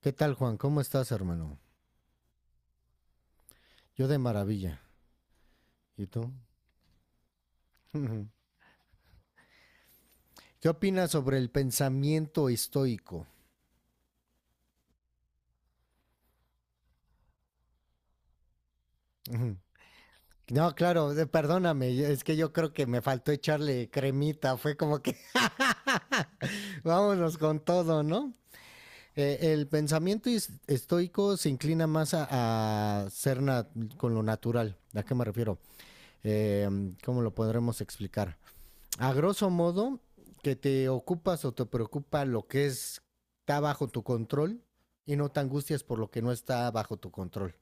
¿Qué tal, Juan? ¿Cómo estás, hermano? Yo de maravilla. ¿Y tú? ¿Qué opinas sobre el pensamiento estoico? No, claro, perdóname, es que yo creo que me faltó echarle cremita, fue como que vámonos con todo, ¿no? El pensamiento estoico se inclina más a ser con lo natural. ¿A qué me refiero? Eh, ¿Cómo lo podremos explicar? A grosso modo, que te ocupas o te preocupa lo que es, está bajo tu control y no te angustias por lo que no está bajo tu control.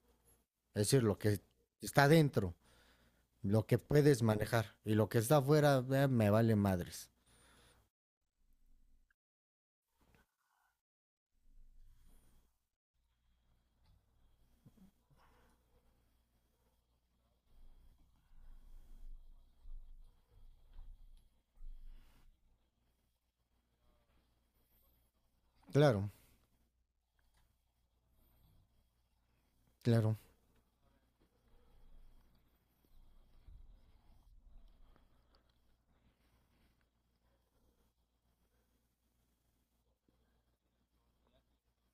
Es decir, lo que está dentro, lo que puedes manejar y lo que está afuera, me vale madres. Claro, claro.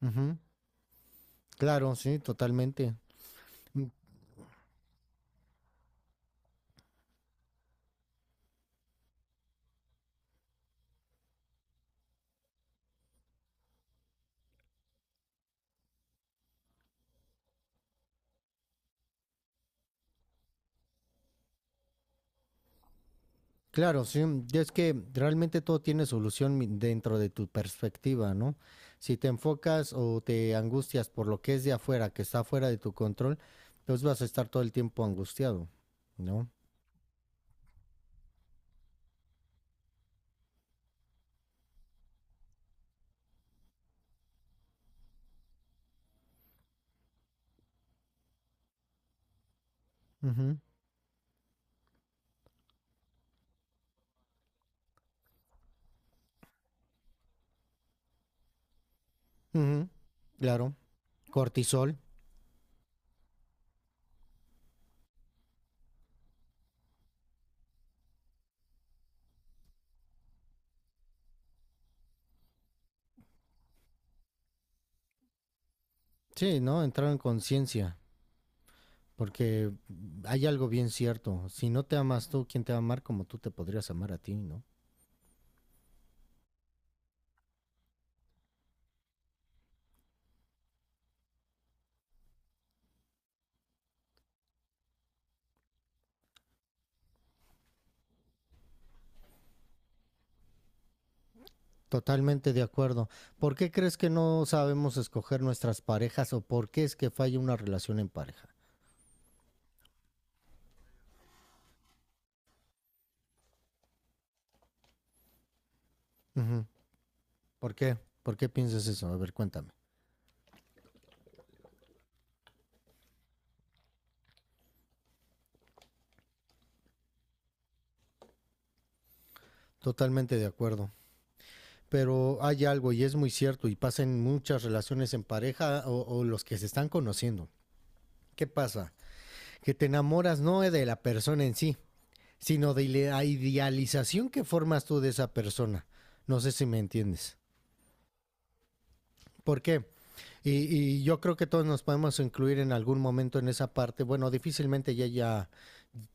Ujú. Claro, sí, totalmente. Claro, sí, y es que realmente todo tiene solución dentro de tu perspectiva, ¿no? Si te enfocas o te angustias por lo que es de afuera, que está fuera de tu control, pues vas a estar todo el tiempo angustiado, ¿no? Ujú, ujú, claro, cortisol, sí, ¿no? Entrar en conciencia, porque hay algo bien cierto, si no te amas tú, ¿quién te va a amar como tú te podrías amar a ti, ¿no? Totalmente de acuerdo. ¿Por qué crees que no sabemos escoger nuestras parejas o por qué es que falla una relación en pareja? Ujú. ¿Por qué? ¿Por qué piensas eso? A ver, cuéntame. Totalmente de acuerdo. Pero hay algo y es muy cierto y pasa en muchas relaciones en pareja o los que se están conociendo. ¿Qué pasa? Que te enamoras no de la persona en sí, sino de la idealización que formas tú de esa persona. No sé si me entiendes. ¿Por qué? Y yo creo que todos nos podemos incluir en algún momento en esa parte. Bueno, difícilmente ya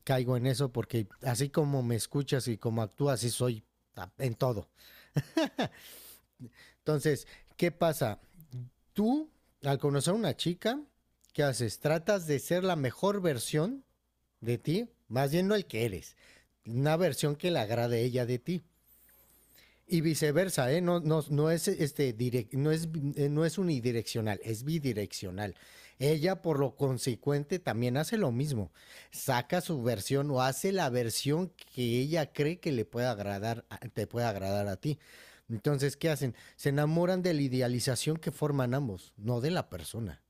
caigo en eso porque así como me escuchas y como actúas, así soy en todo. Entonces, ¿qué pasa? Tú, al conocer a una chica, ¿qué haces? Tratas de ser la mejor versión de ti, más bien no el que eres, una versión que le agrade a ella de ti. Y viceversa, ¿eh? No, no, no es direct, no es no es unidireccional, es bidireccional. Ella, por lo consecuente, también hace lo mismo. Saca su versión o hace la versión que ella cree que le pueda agradar, te puede agradar a ti. Entonces, ¿qué hacen? Se enamoran de la idealización que forman ambos, no de la persona.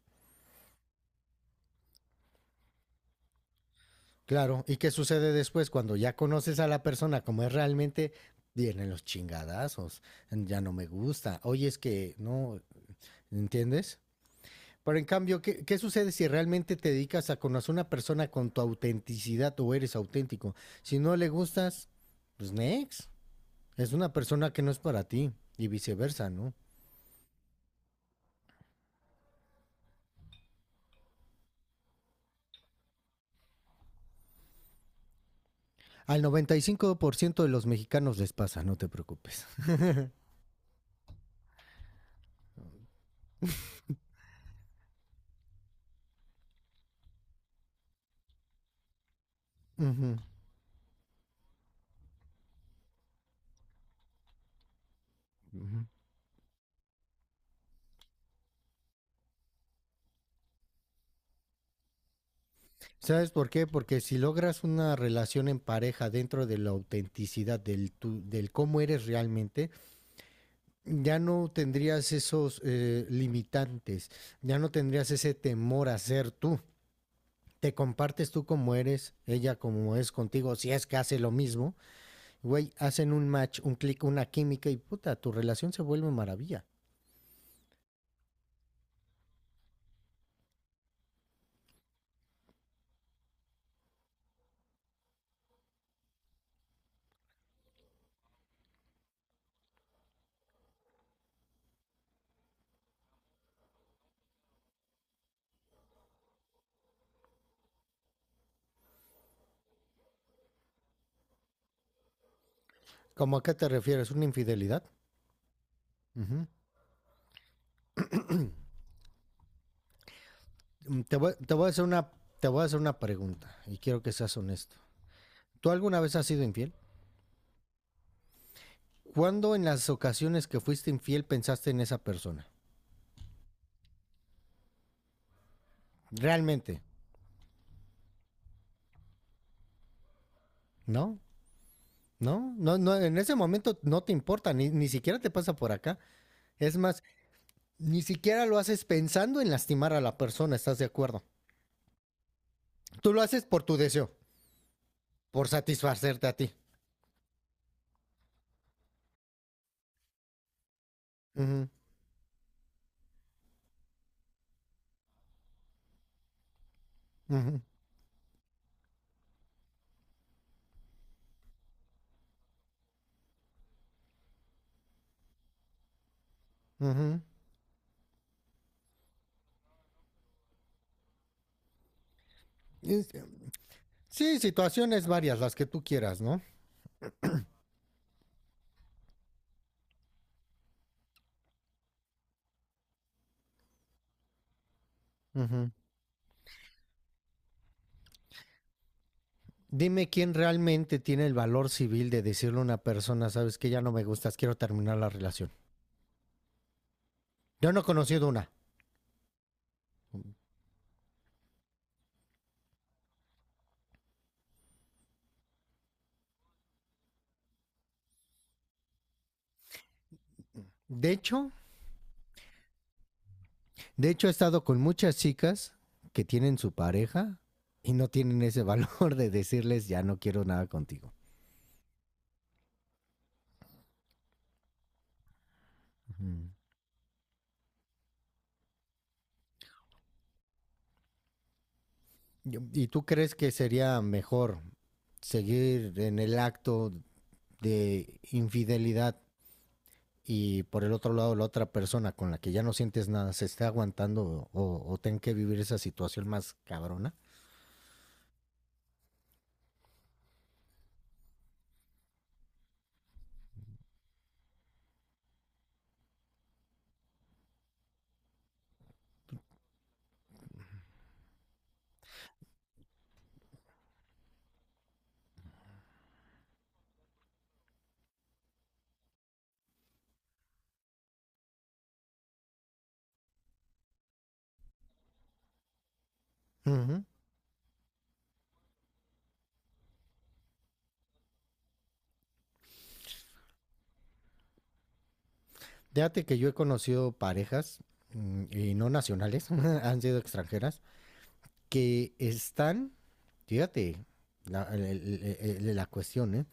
Claro, ¿y qué sucede después cuando ya conoces a la persona como es realmente? Vienen los chingadazos, ya no me gusta. Oye, es que no, ¿entiendes? Pero en cambio, ¿qué sucede si realmente te dedicas a conocer a una persona con tu autenticidad o eres auténtico? Si no le gustas, pues next. Es una persona que no es para ti y viceversa, ¿no? Al 95% de los mexicanos les pasa, no te preocupes. Uh -huh, uh -huh. ¿Sabes por qué? Porque si logras una relación en pareja dentro de la autenticidad del cómo eres realmente, ya no tendrías esos limitantes, ya no tendrías ese temor a ser tú. Te compartes tú como eres, ella como es contigo, si es que hace lo mismo, güey, hacen un match, un clic, una química y puta, tu relación se vuelve maravilla. ¿Cómo a qué te refieres? ¿Una infidelidad? Ujú. Te voy a hacer una, te voy a hacer una pregunta y quiero que seas honesto. ¿Tú alguna vez has sido infiel? ¿Cuándo en las ocasiones que fuiste infiel pensaste en esa persona? Realmente, ¿no? No, no, no, en ese momento no te importa, ni siquiera te pasa por acá. Es más, ni siquiera lo haces pensando en lastimar a la persona, ¿estás de acuerdo? Tú lo haces por tu deseo, por satisfacerte a ti. Ujú, ujú, ujú. Es- sí, situaciones varias, las que tú quieras, ¿no? Ujú. Dime quién realmente tiene el valor civil de decirle a una persona, sabes que ya no me gustas, quiero terminar la relación. Yo no he conocido una. De hecho, de hecho, he estado con muchas chicas que tienen su pareja y no tienen ese valor de decirles, ya no quiero nada contigo. Ujú. ¿Y tú crees que sería mejor seguir en el acto de infidelidad y por el otro lado la otra persona con la que ya no sientes nada se esté aguantando o ten que vivir esa situación más cabrona? Ujú. Fíjate que yo he conocido parejas y no nacionales, han sido extranjeras, que están, fíjate, la cuestión, ¿eh?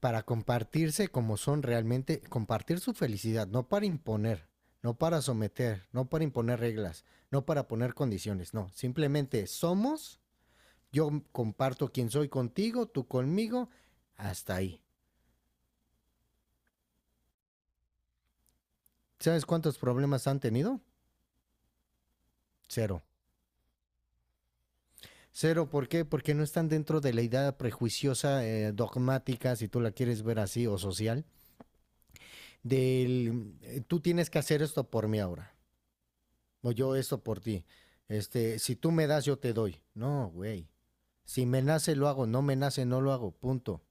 Para compartirse como son realmente, compartir su felicidad, no para imponer, no para someter, no para imponer reglas, no para poner condiciones, no, simplemente somos, yo comparto quién soy contigo, tú conmigo, hasta ahí. ¿Sabes cuántos problemas han tenido? Cero. Cero, ¿por qué? Porque no están dentro de la idea prejuiciosa, dogmática, si tú la quieres ver así, o social, del tú tienes que hacer esto por mí ahora, o yo esto por ti. Este, si tú me das, yo te doy. No, güey. Si me nace, lo hago. No me nace, no lo hago. Punto.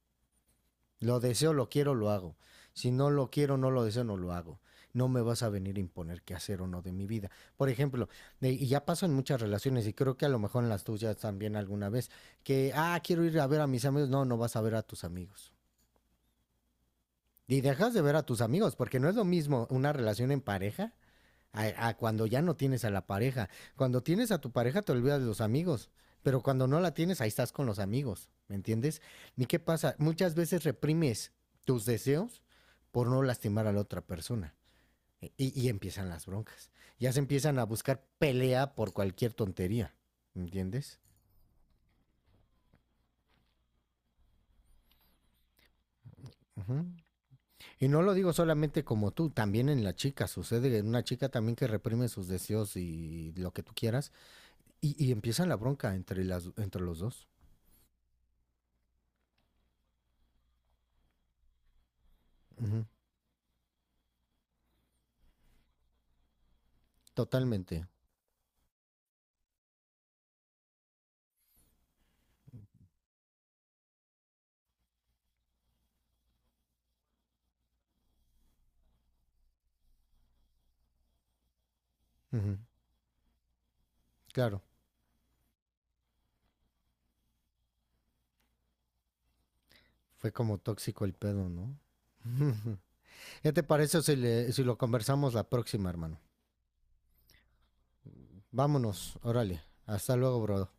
Lo deseo, lo quiero, lo hago. Si no lo quiero, no lo deseo, no lo hago. No me vas a venir a imponer qué hacer o no de mi vida. Por ejemplo, y ya pasó en muchas relaciones, y creo que a lo mejor en las tuyas también alguna vez, que, ah, quiero ir a ver a mis amigos. No, no vas a ver a tus amigos. Y dejas de ver a tus amigos, porque no es lo mismo una relación en pareja a cuando ya no tienes a la pareja. Cuando tienes a tu pareja te olvidas de los amigos, pero cuando no la tienes ahí estás con los amigos, ¿me entiendes? ¿Y qué pasa? Muchas veces reprimes tus deseos por no lastimar a la otra persona. Y empiezan las broncas. Ya se empiezan a buscar pelea por cualquier tontería, ¿me entiendes? Ujú. Y no lo digo solamente como tú, también en la chica sucede, en una chica también que reprime sus deseos y lo que tú quieras, y empieza la bronca entre, las, entre los dos. Ujú, totalmente. Ujú, claro, fue como tóxico el pedo, ¿no? Ujú. ¿Qué te parece si, si lo conversamos la próxima, hermano? Vámonos, órale. Hasta luego, bro.